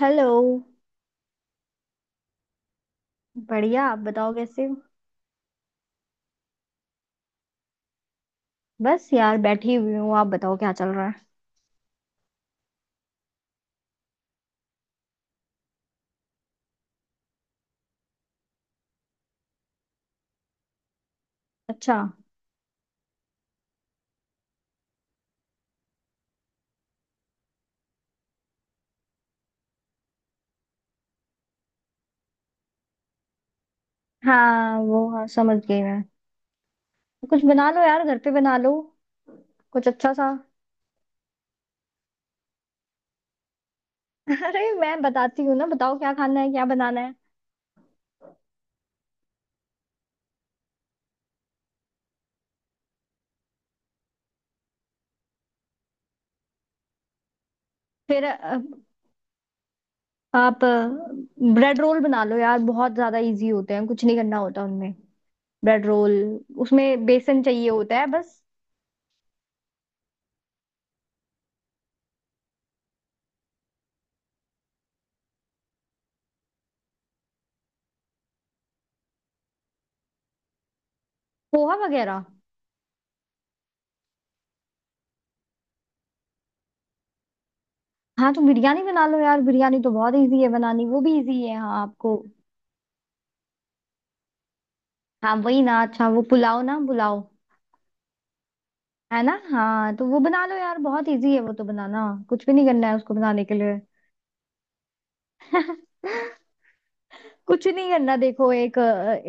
Hello. बढ़िया, आप बताओ कैसे हो? बस यार बैठी हुई हूँ, आप बताओ क्या चल रहा है। अच्छा। हाँ वो हाँ, समझ गई मैं। कुछ बना लो यार, घर पे बना लो। कुछ अच्छा सा। अरे मैं बताती हूँ ना, बताओ क्या खाना है, क्या बनाना है। फिर आप ब्रेड रोल बना लो यार, बहुत ज्यादा इजी होते हैं, कुछ नहीं करना होता उनमें। Bread roll. उसमें बेसन चाहिए होता है बस। पोहा वगैरह। हाँ तो बिरयानी बना लो यार, बिरयानी तो बहुत इजी है बनानी, वो भी इजी है, हाँ आपको। हाँ वही ना। अच्छा वो पुलाव ना बुलाओ। है ना, हाँ तो वो बना लो यार, बहुत इजी है वो तो बनाना। कुछ भी नहीं करना है उसको बनाने के लिए। कुछ नहीं करना, देखो। एक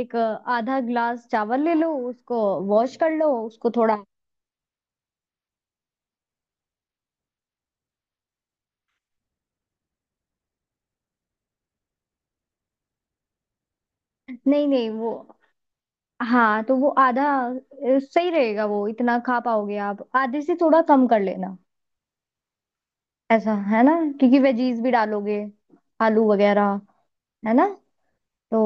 एक आधा ग्लास चावल ले लो उसको। वॉश कर लो उसको थोड़ा। नहीं नहीं वो, हाँ तो वो आधा सही रहेगा, वो इतना खा पाओगे आप? आधे से थोड़ा कम कर लेना। ऐसा है ना, क्योंकि वेजीज भी डालोगे। आलू वगैरह। है ना। तो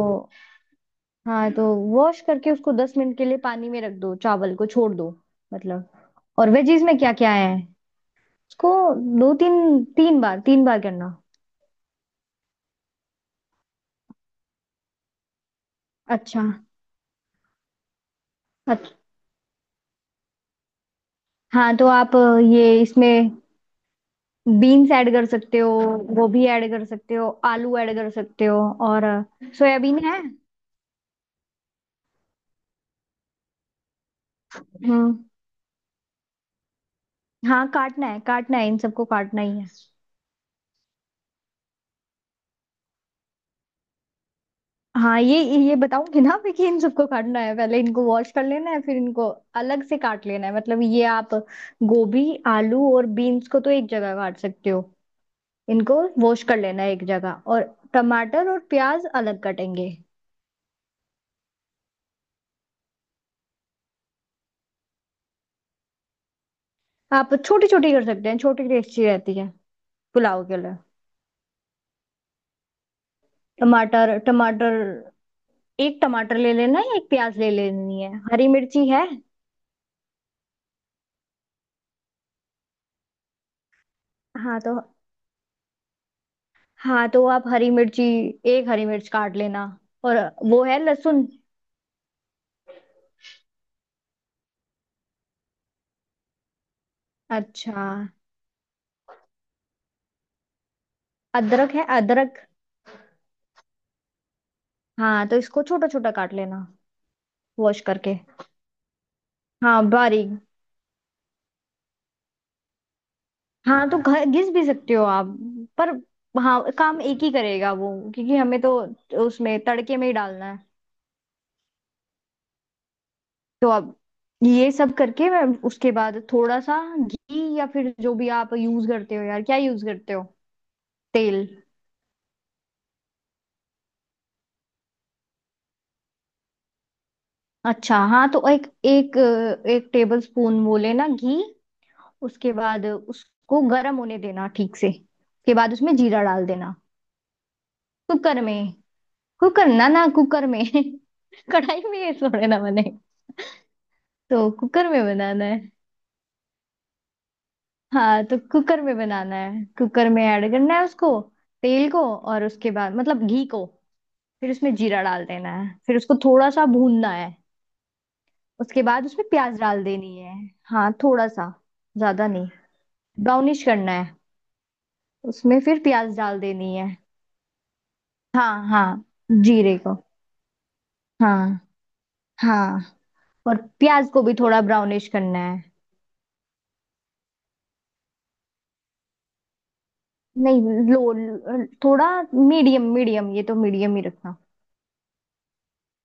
हाँ तो वॉश करके उसको 10 मिनट के लिए पानी में रख दो, चावल को छोड़ दो। मतलब और वेजीज में क्या क्या है? उसको दो तीन, तीन बार, तीन बार करना। अच्छा अच्छा। हाँ तो आप, ये इसमें बीन्स ऐड कर सकते हो, गोभी ऐड कर सकते हो, आलू ऐड कर सकते हो और सोयाबीन है। हम्म। हाँ काटना है, काटना है, इन सबको काटना ही है। हाँ ये बताऊंगी ना मैं, कि इन सबको काटना है, पहले इनको वॉश कर लेना है, फिर इनको अलग से काट लेना है। मतलब ये आप गोभी, आलू और बीन्स को तो एक जगह काट सकते हो। इनको वॉश कर लेना है एक जगह, और टमाटर और प्याज अलग कटेंगे। आप छोटी छोटी कर सकते हैं, छोटी टेस्टी रहती है पुलाव के लिए। टमाटर टमाटर एक टमाटर ले लेना है, एक प्याज ले लेनी है, हरी मिर्ची है। हाँ तो, हाँ तो आप हरी मिर्ची, एक हरी मिर्च काट लेना। और वो है लहसुन। अच्छा, अदरक है अदरक। हाँ तो इसको छोटा छोटा काट लेना, वॉश करके। हाँ बारीक। हाँ तो घिस भी सकते हो आप। पर हाँ, काम एक ही करेगा वो, क्योंकि हमें तो उसमें तड़के में ही डालना है। तो अब ये सब करके मैं, उसके बाद थोड़ा सा घी, या फिर जो भी आप यूज करते हो यार, क्या यूज करते हो, तेल? अच्छा, हाँ तो एक एक एक टेबल स्पून वो लेना, घी। उसके बाद उसको गर्म होने देना ठीक से, उसके बाद उसमें जीरा डाल देना। कुकर में। कुकर, ना ना कुकर में, कढ़ाई में ये थोड़े ना बने। तो कुकर में बनाना है। हाँ तो कुकर में बनाना है, कुकर में ऐड करना है उसको तेल को, और उसके बाद मतलब घी को। फिर उसमें जीरा डाल देना है, फिर उसको थोड़ा सा भूनना है। उसके बाद उसमें प्याज डाल देनी है। हाँ थोड़ा सा, ज्यादा नहीं। ब्राउनिश करना है। उसमें फिर प्याज डाल देनी है। हाँ हाँ। जीरे को। हाँ हाँ। और प्याज को भी थोड़ा ब्राउनिश करना है। नहीं, लो थोड़ा, मीडियम मीडियम, ये तो मीडियम ही रखना।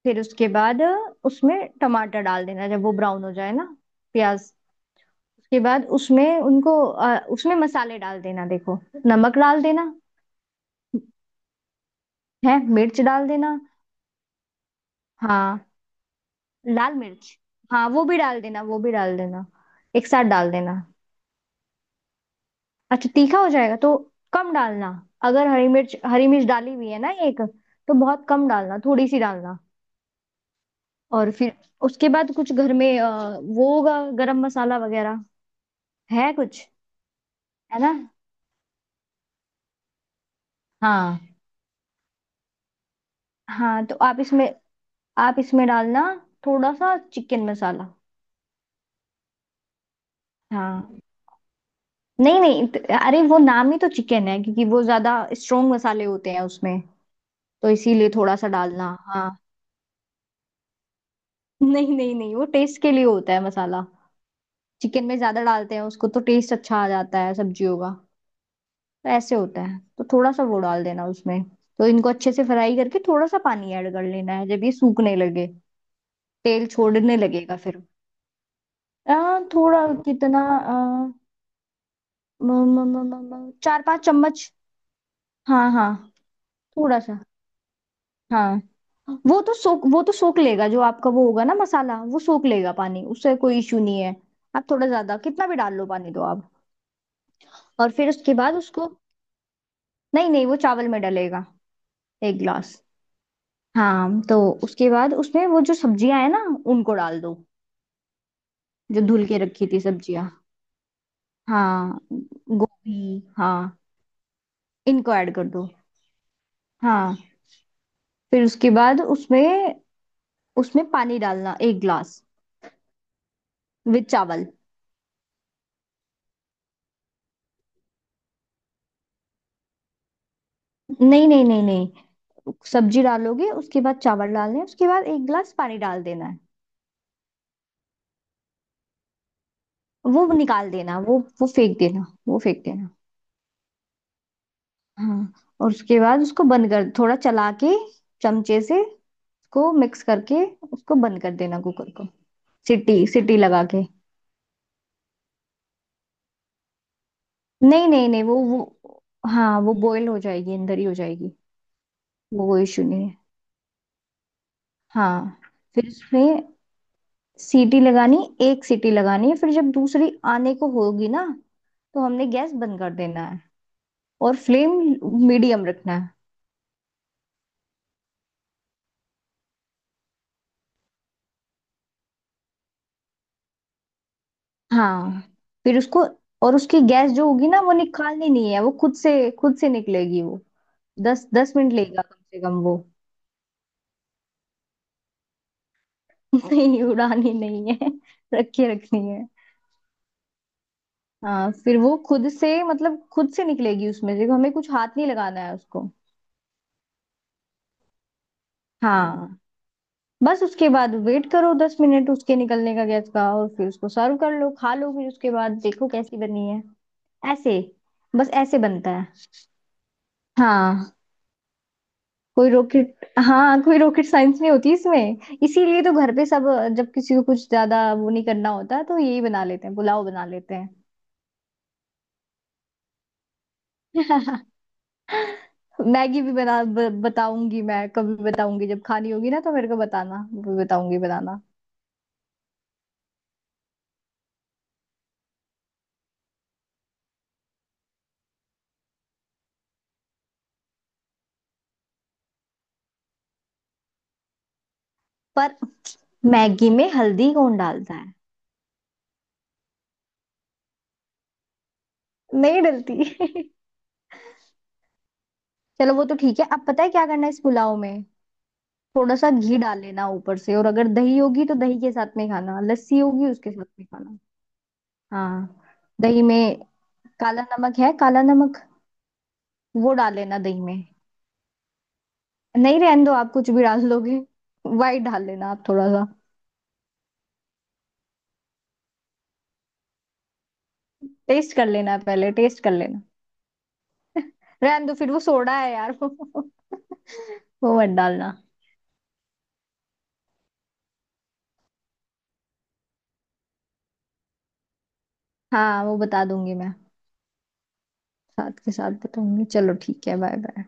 फिर उसके बाद उसमें टमाटर डाल देना जब वो ब्राउन हो जाए ना, प्याज। उसके बाद उसमें उनको उसमें मसाले डाल देना, देखो। नमक डाल देना है। मिर्च डाल देना। हाँ, लाल मिर्च, हाँ वो भी डाल देना, वो भी डाल देना। एक साथ डाल देना। अच्छा, तीखा हो जाएगा तो कम डालना। अगर हरी मिर्च, हरी मिर्च डाली हुई है ना एक, तो बहुत कम डालना, थोड़ी सी डालना। और फिर उसके बाद कुछ घर में, वो होगा गरम मसाला वगैरह, है कुछ? है ना। हाँ हाँ तो आप इसमें, आप इसमें डालना थोड़ा सा चिकन मसाला। हाँ, नहीं नहीं त- अरे वो नाम ही तो चिकन है, क्योंकि वो ज्यादा स्ट्रोंग मसाले होते हैं उसमें, तो इसीलिए थोड़ा सा डालना। हाँ। नहीं नहीं नहीं, वो टेस्ट के लिए होता है मसाला। चिकन में ज्यादा डालते हैं उसको, तो टेस्ट अच्छा आ जाता है सब्जियों का। तो ऐसे होता है, तो थोड़ा सा वो डाल देना उसमें। तो इनको अच्छे से फ्राई करके थोड़ा सा पानी ऐड कर लेना है जब ये सूखने लगे, तेल छोड़ने लगेगा फिर। थोड़ा कितना, आ, म, म, म, म, म, 4-5 चम्मच। हाँ हाँ। थोड़ा सा। हाँ वो तो सोख, वो तो सोख लेगा, जो आपका वो होगा ना मसाला, वो सोख लेगा पानी, उससे कोई इशू नहीं है। आप थोड़ा ज्यादा कितना भी डाल लो पानी दो आप। और फिर उसके बाद उसको, नहीं नहीं वो चावल में डलेगा। एक गिलास। हाँ तो उसके बाद उसमें वो जो सब्जियां है ना, उनको डाल दो, जो धुल के रखी थी सब्जियां। हाँ गोभी, हाँ। इनको ऐड कर दो। हाँ। फिर उसके बाद उसमें, उसमें पानी डालना एक ग्लास। विद चावल। नहीं नहीं, सब्जी डालोगे, उसके बाद चावल डालने हैं, उसके बाद एक ग्लास पानी डाल देना है। वो निकाल देना, वो फेंक देना, वो फेंक देना। हाँ और उसके बाद उसको बंद कर, थोड़ा चला के चमचे से को मिक्स करके, उसको बंद कर देना कुकर को। सीटी, सीटी लगा के। नहीं नहीं नहीं वो वो हाँ, वो बॉईल हो जाएगी, अंदर ही हो जाएगी। वो कोई इशू नहीं है। हाँ फिर उसमें सीटी लगानी, एक सीटी लगानी है, फिर जब दूसरी आने को होगी ना तो हमने गैस बंद कर देना है। और फ्लेम मीडियम रखना है। हाँ फिर उसको, और उसकी गैस जो होगी ना, वो निकालनी नहीं है, वो खुद से, खुद से निकलेगी वो। दस दस मिनट लेगा कम से कम वो। नहीं उड़ानी नहीं है, रखी रखनी है। हाँ फिर वो खुद से, मतलब खुद से निकलेगी उसमें से, हमें कुछ हाथ नहीं लगाना है उसको। हाँ बस उसके बाद वेट करो 10 मिनट उसके निकलने का, गैस का, और फिर उसको सर्व कर लो, खा लो, फिर उसके बाद देखो कैसी बनी है। ऐसे, बस ऐसे बनता है। हाँ। कोई रॉकेट साइंस नहीं होती इसमें। इसीलिए तो घर पे सब, जब किसी को कुछ ज्यादा वो नहीं करना होता तो यही बना लेते हैं, पुलाव बना लेते हैं। मैगी भी बताऊंगी मैं, कभी बताऊंगी, जब खानी होगी ना तो मेरे को बताना, वो बताऊंगी बनाना। पर मैगी में हल्दी कौन डालता है। नहीं डलती। चलो वो तो ठीक है, अब पता है क्या करना है इस पुलाव में? थोड़ा सा घी डाल लेना ऊपर से, और अगर दही होगी तो दही के साथ में खाना, लस्सी होगी उसके साथ में खाना। हाँ। दही में काला नमक है, काला नमक, वो डाल लेना दही में। नहीं रहने दो, आप कुछ भी डाल लोगे। वाइट डाल लेना आप थोड़ा सा। टेस्ट कर लेना, पहले टेस्ट कर लेना। रहने दो फिर, वो सोडा है यार वो। वो मत डालना। हाँ वो बता दूंगी मैं, साथ के साथ बताऊंगी, चलो ठीक है, बाय बाय।